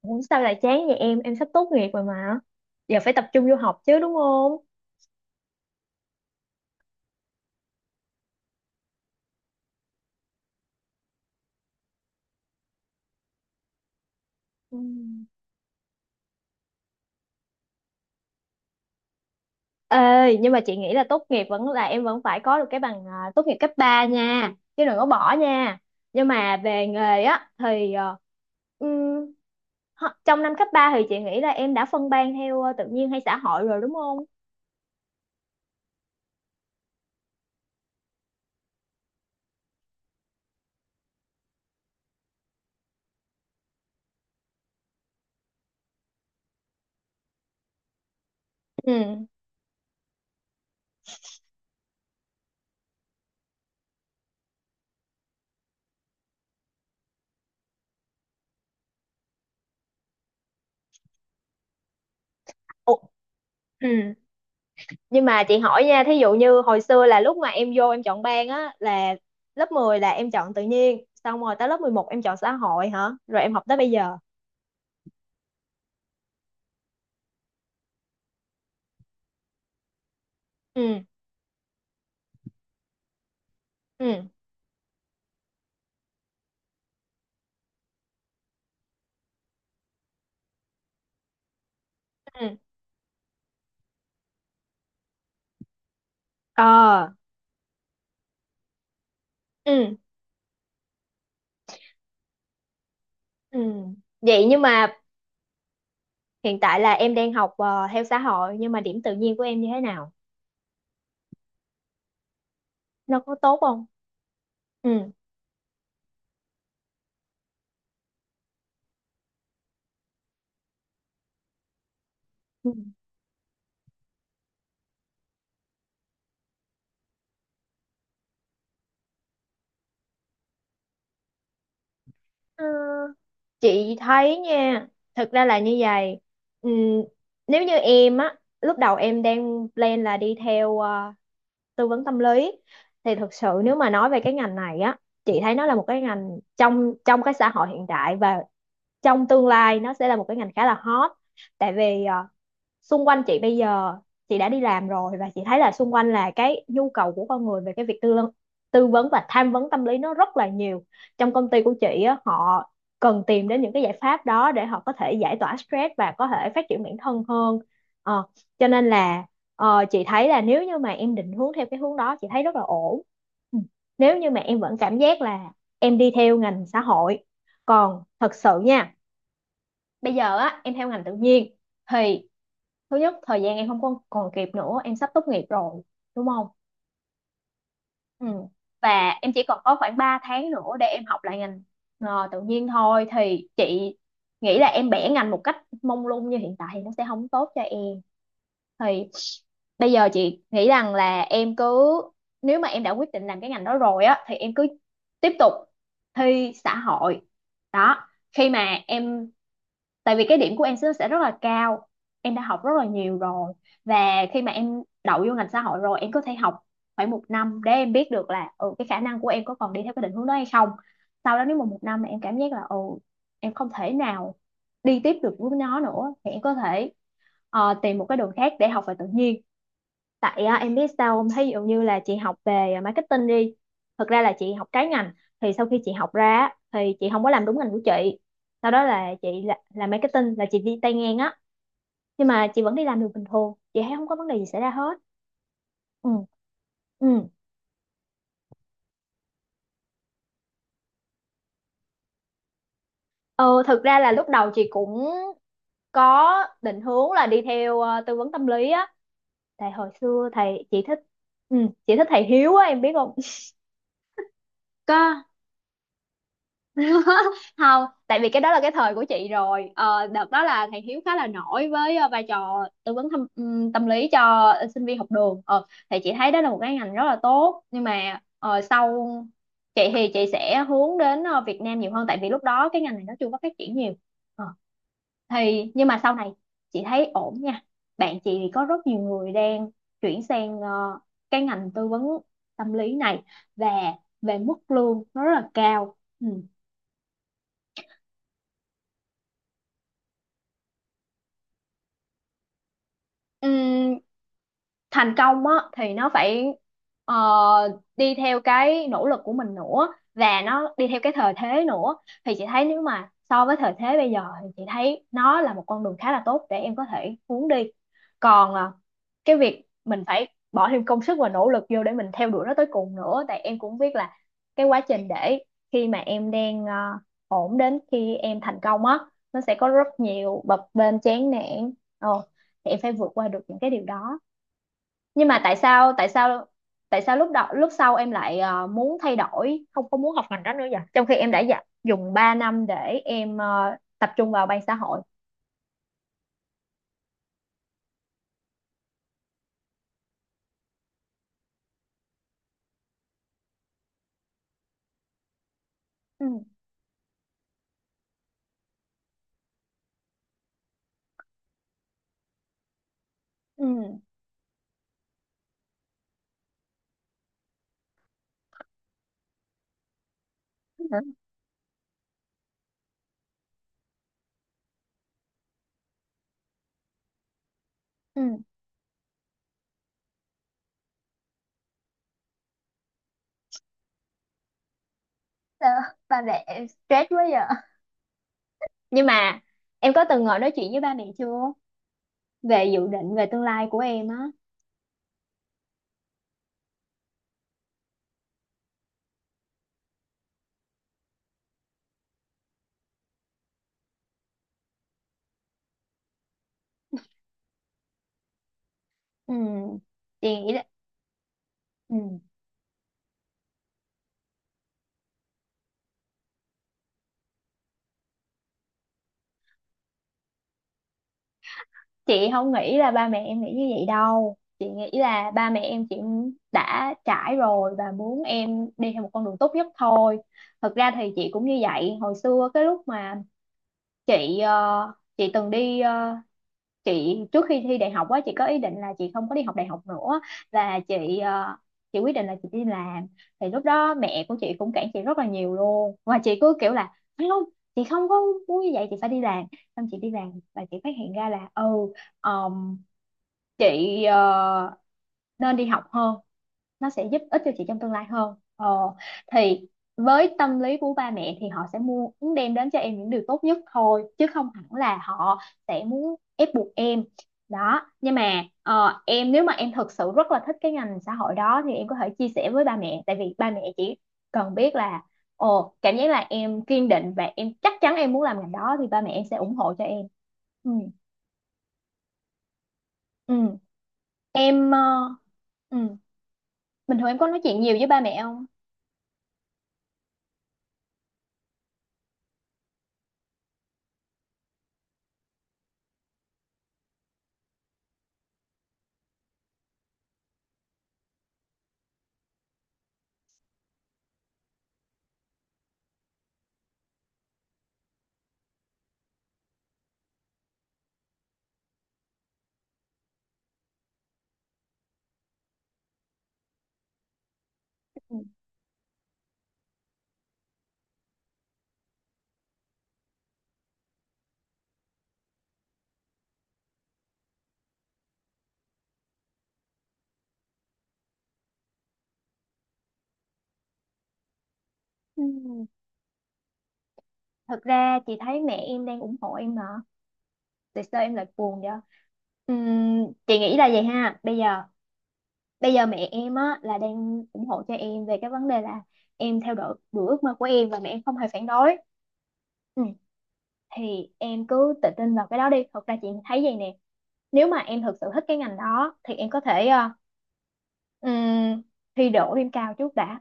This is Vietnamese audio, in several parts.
Ủa, sao lại chán vậy em? Em sắp tốt nghiệp rồi mà. Giờ phải tập trung vô học chứ đúng không? Ừ. Ê, nhưng mà chị nghĩ là tốt nghiệp vẫn là em vẫn phải có được cái bằng à, tốt nghiệp cấp 3 nha. Chứ đừng có bỏ nha. Nhưng mà về nghề á thì ừm, trong năm cấp 3 thì chị nghĩ là em đã phân ban theo tự nhiên hay xã hội rồi đúng không? Ừ. Ủa. Ừ. Nhưng mà chị hỏi nha, thí dụ như hồi xưa là lúc mà em vô em chọn ban á là lớp 10 là em chọn tự nhiên xong rồi tới lớp 11 em chọn xã hội hả rồi em học tới bây giờ. Ừ. Ừ. Ừ. Ờ. Ừ. Ừ. Vậy nhưng mà hiện tại là em đang học theo xã hội nhưng mà điểm tự nhiên của em như thế nào, nó có tốt không? Ừ. Ừ. Ờ, chị thấy nha, thực ra là như vậy. ừ, Nếu như em á, lúc đầu em đang plan là đi theo tư vấn tâm lý thì thực sự nếu mà nói về cái ngành này á, chị thấy nó là một cái ngành trong trong cái xã hội hiện đại, và trong tương lai nó sẽ là một cái ngành khá là hot. Tại vì xung quanh chị bây giờ chị đã đi làm rồi và chị thấy là xung quanh là cái nhu cầu của con người về cái việc tư vấn và tham vấn tâm lý nó rất là nhiều. Trong công ty của chị á, họ cần tìm đến những cái giải pháp đó để họ có thể giải tỏa stress và có thể phát triển bản thân hơn. Ờ, cho nên là chị thấy là nếu như mà em định hướng theo cái hướng đó chị thấy rất là ổn. Ừ. Nếu như mà em vẫn cảm giác là em đi theo ngành xã hội, còn thật sự nha, bây giờ á em theo ngành tự nhiên thì thứ nhất thời gian em không còn còn kịp nữa, em sắp tốt nghiệp rồi đúng không? Ừ. Và em chỉ còn có khoảng 3 tháng nữa để em học lại ngành tự nhiên thôi, thì chị nghĩ là em bẻ ngành một cách mông lung như hiện tại thì nó sẽ không tốt cho em. Thì bây giờ chị nghĩ rằng là em cứ, nếu mà em đã quyết định làm cái ngành đó rồi á thì em cứ tiếp tục thi xã hội đó. Khi mà em, tại vì cái điểm của em sẽ rất là cao, em đã học rất là nhiều rồi. Và khi mà em đậu vô ngành xã hội rồi em có thể học khoảng một năm để em biết được là ừ, cái khả năng của em có còn đi theo cái định hướng đó hay không. Sau đó nếu mà một năm mà em cảm giác là ừ, em không thể nào đi tiếp được với nó nữa thì em có thể tìm một cái đường khác để học về tự nhiên. Tại em biết sao không, thí dụ như là chị học về marketing đi, thực ra là chị học trái ngành, thì sau khi chị học ra á, thì chị không có làm đúng ngành của chị. Sau đó là chị làm marketing là chị đi tay ngang á, nhưng mà chị vẫn đi làm được bình thường, chị thấy không có vấn đề gì xảy ra hết. Ừ. Ừ. ờ, Thực ra là lúc đầu chị cũng có định hướng là đi theo tư vấn tâm lý á. Tại hồi xưa thầy chị thích, ừ, chị thích thầy Hiếu á, em biết không? Có. Không, tại vì cái đó là cái thời của chị rồi, đợt đó là thầy Hiếu khá là nổi với vai trò tư vấn thăm, tâm lý cho sinh viên học đường. Ờ, thì chị thấy đó là một cái ngành rất là tốt, nhưng mà sau chị thì chị sẽ hướng đến Việt Nam nhiều hơn, tại vì lúc đó cái ngành này nó chưa có phát triển nhiều. Ờ, thì nhưng mà sau này chị thấy ổn nha. Bạn chị thì có rất nhiều người đang chuyển sang cái ngành tư vấn tâm lý này, và về mức lương nó rất là cao. Ừ. Ừ, thành công á thì nó phải ờ, đi theo cái nỗ lực của mình nữa, và nó đi theo cái thời thế nữa. Thì chị thấy nếu mà so với thời thế bây giờ thì chị thấy nó là một con đường khá là tốt để em có thể hướng đi. Còn cái việc mình phải bỏ thêm công sức và nỗ lực vô để mình theo đuổi nó tới cùng nữa, tại em cũng biết là cái quá trình để khi mà em đang ổn đến khi em thành công á, nó sẽ có rất nhiều bập bênh chán nản. Ờ, thì em phải vượt qua được những cái điều đó. Nhưng mà tại sao lúc đó lúc sau em lại muốn thay đổi không có muốn học ngành đó nữa vậy, trong khi em đã dùng 3 năm để em tập trung vào ban xã hội. Ừ. Ừ. Ừ. Ừ. Sao ba mẹ em stress quá vậy? Nhưng mà em có từng ngồi nói chuyện với ba mẹ chưa về dự định về tương lai của em á? Ừ. Chị nghĩ là ừ chị không nghĩ là ba mẹ em nghĩ như vậy đâu, chị nghĩ là ba mẹ em, chị đã trải rồi và muốn em đi theo một con đường tốt nhất thôi. Thật ra thì chị cũng như vậy hồi xưa, cái lúc mà chị chị từng đi chị trước khi thi đại học á, chị có ý định là chị không có đi học đại học nữa, là chị chị quyết định là chị đi làm. Thì lúc đó mẹ của chị cũng cản chị rất là nhiều luôn, và chị cứ kiểu là không, chị không có muốn như vậy, chị phải đi làm. Xong chị đi làm và chị phát hiện ra là ừ, chị nên đi học hơn, nó sẽ giúp ích cho chị trong tương lai hơn. Ờ, thì với tâm lý của ba mẹ thì họ sẽ muốn đem đến cho em những điều tốt nhất thôi, chứ không hẳn là họ sẽ muốn ép buộc em đó. Nhưng mà em, nếu mà em thực sự rất là thích cái ngành xã hội đó thì em có thể chia sẻ với ba mẹ, tại vì ba mẹ chỉ cần biết là, ồ cảm giác là em kiên định và em chắc chắn em muốn làm ngành đó thì ba mẹ em sẽ ủng hộ cho em. Ừ. Ừ. Em ừ bình thường em có nói chuyện nhiều với ba mẹ không? Ừ. Ừ. Thật ra chị thấy mẹ em đang ủng hộ em mà. Tại sao em lại buồn vậy? Chị nghĩ là vậy ha. Bây giờ mẹ em á là đang ủng hộ cho em về cái vấn đề là em theo đuổi ước mơ của em và mẹ em không hề phản đối. Ừ. Thì em cứ tự tin vào cái đó đi, thật ra chị thấy vậy nè. Nếu mà em thực sự thích cái ngành đó thì em có thể ừm, thi đỗ điểm cao trước đã.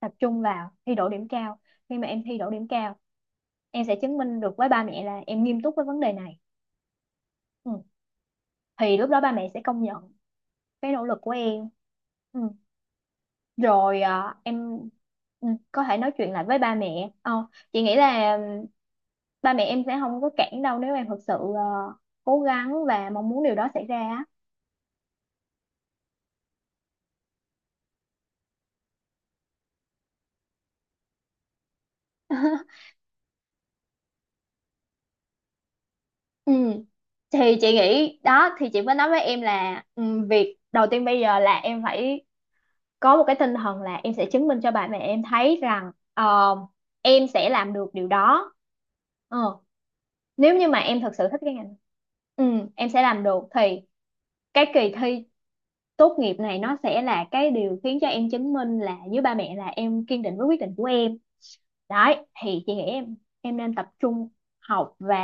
Tập trung vào thi đỗ điểm cao. Khi mà em thi đỗ điểm cao em sẽ chứng minh được với ba mẹ là em nghiêm túc với vấn đề này. Ừ. Thì lúc đó ba mẹ sẽ công nhận cái nỗ lực của em. Ừ. Rồi em có thể nói chuyện lại với ba mẹ. Ờ, chị nghĩ là ba mẹ em sẽ không có cản đâu nếu em thực sự cố gắng và mong muốn điều đó xảy ra á. Ừ. Thì chị nghĩ đó, thì chị mới nói với em là ừ, việc đầu tiên bây giờ là em phải có một cái tinh thần là em sẽ chứng minh cho bà mẹ em thấy rằng em sẽ làm được điều đó. ờ, Nếu như mà em thật sự thích cái ngành, ừ, em sẽ làm được thì cái kỳ thi tốt nghiệp này nó sẽ là cái điều khiến cho em chứng minh là với ba mẹ là em kiên định với quyết định của em. Đấy thì chị nghĩ em nên tập trung học, và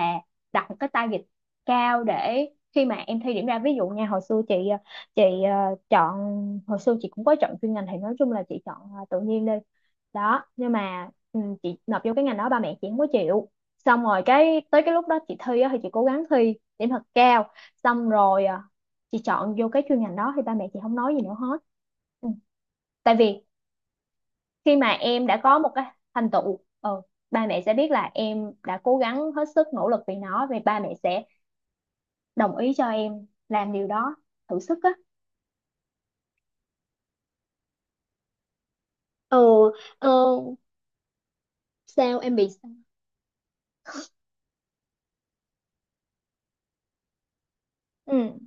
đặt một cái target cao để khi mà em thi điểm ra, ví dụ nha, hồi xưa chị chị ờ, chọn, hồi xưa chị cũng có chọn chuyên ngành thì nói chung là chị chọn tự nhiên đi. Đó nhưng mà ừ, chị nộp vô cái ngành đó ba mẹ chị không có chịu, xong rồi cái tới cái lúc đó chị thi á, thì chị cố gắng thi điểm thật cao. Xong rồi chị chọn vô cái chuyên ngành đó thì ba mẹ chị không nói gì nữa hết. Ừ. Tại vì khi mà em đã có một cái thành tựu, ba mẹ sẽ biết là em đã cố gắng hết sức nỗ lực vì nó, vì ba mẹ sẽ đồng ý cho em làm điều đó, thử sức á. Ờ. Ờ. Sao em bị sao? Ừ.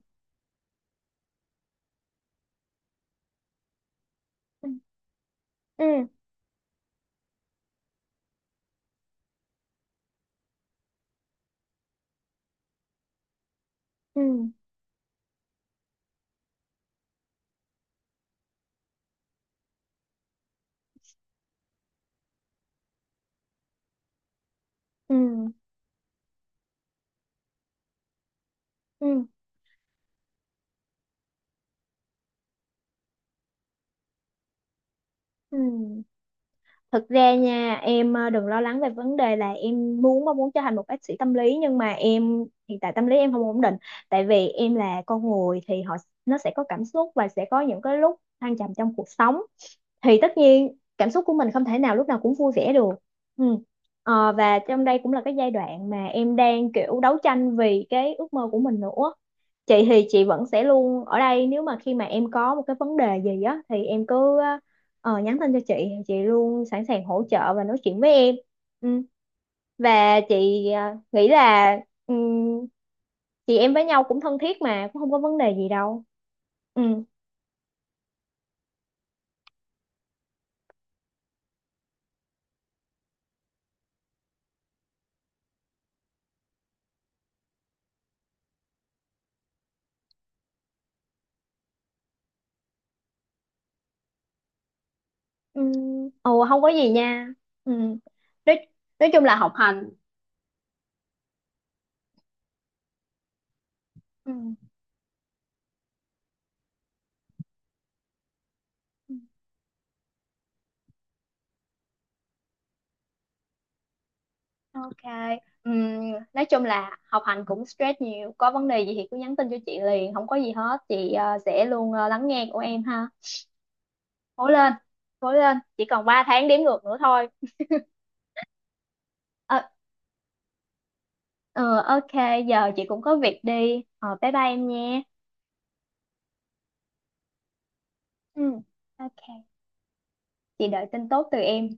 Ừ. Ừ. Ừ. Ừ. Ừ. Ừ. Thực ra nha em, đừng lo lắng về vấn đề là em muốn mong muốn trở thành một bác sĩ tâm lý nhưng mà em hiện tại tâm lý em không ổn định. Tại vì em là con người thì họ, nó sẽ có cảm xúc và sẽ có những cái lúc thăng trầm trong cuộc sống, thì tất nhiên cảm xúc của mình không thể nào lúc nào cũng vui vẻ được. Ừ. Ờ, và trong đây cũng là cái giai đoạn mà em đang kiểu đấu tranh vì cái ước mơ của mình nữa. Chị thì chị vẫn sẽ luôn ở đây, nếu mà khi mà em có một cái vấn đề gì á thì em cứ nhắn tin cho chị, thì chị luôn sẵn sàng hỗ trợ và nói chuyện với em. Ừ. Và chị nghĩ là ừm, chị em với nhau cũng thân thiết mà cũng không có vấn đề gì đâu. Ừ. Ừ. Ồ không có gì nha. Ừ. Nói, nói chung là học hành. Ừ. Ok. Ừ. Nói chung là học hành cũng stress nhiều. Có vấn đề gì thì cứ nhắn tin cho chị liền. Không có gì hết. Chị sẽ luôn lắng nghe của em ha. Cố lên. Cố lên. Chỉ còn 3 tháng đếm ngược nữa thôi. Ờ, ờ, ok. Giờ chị cũng có việc đi. Ờ, Bye bye em nha. Ừ. Ok. Chị đợi tin tốt từ em.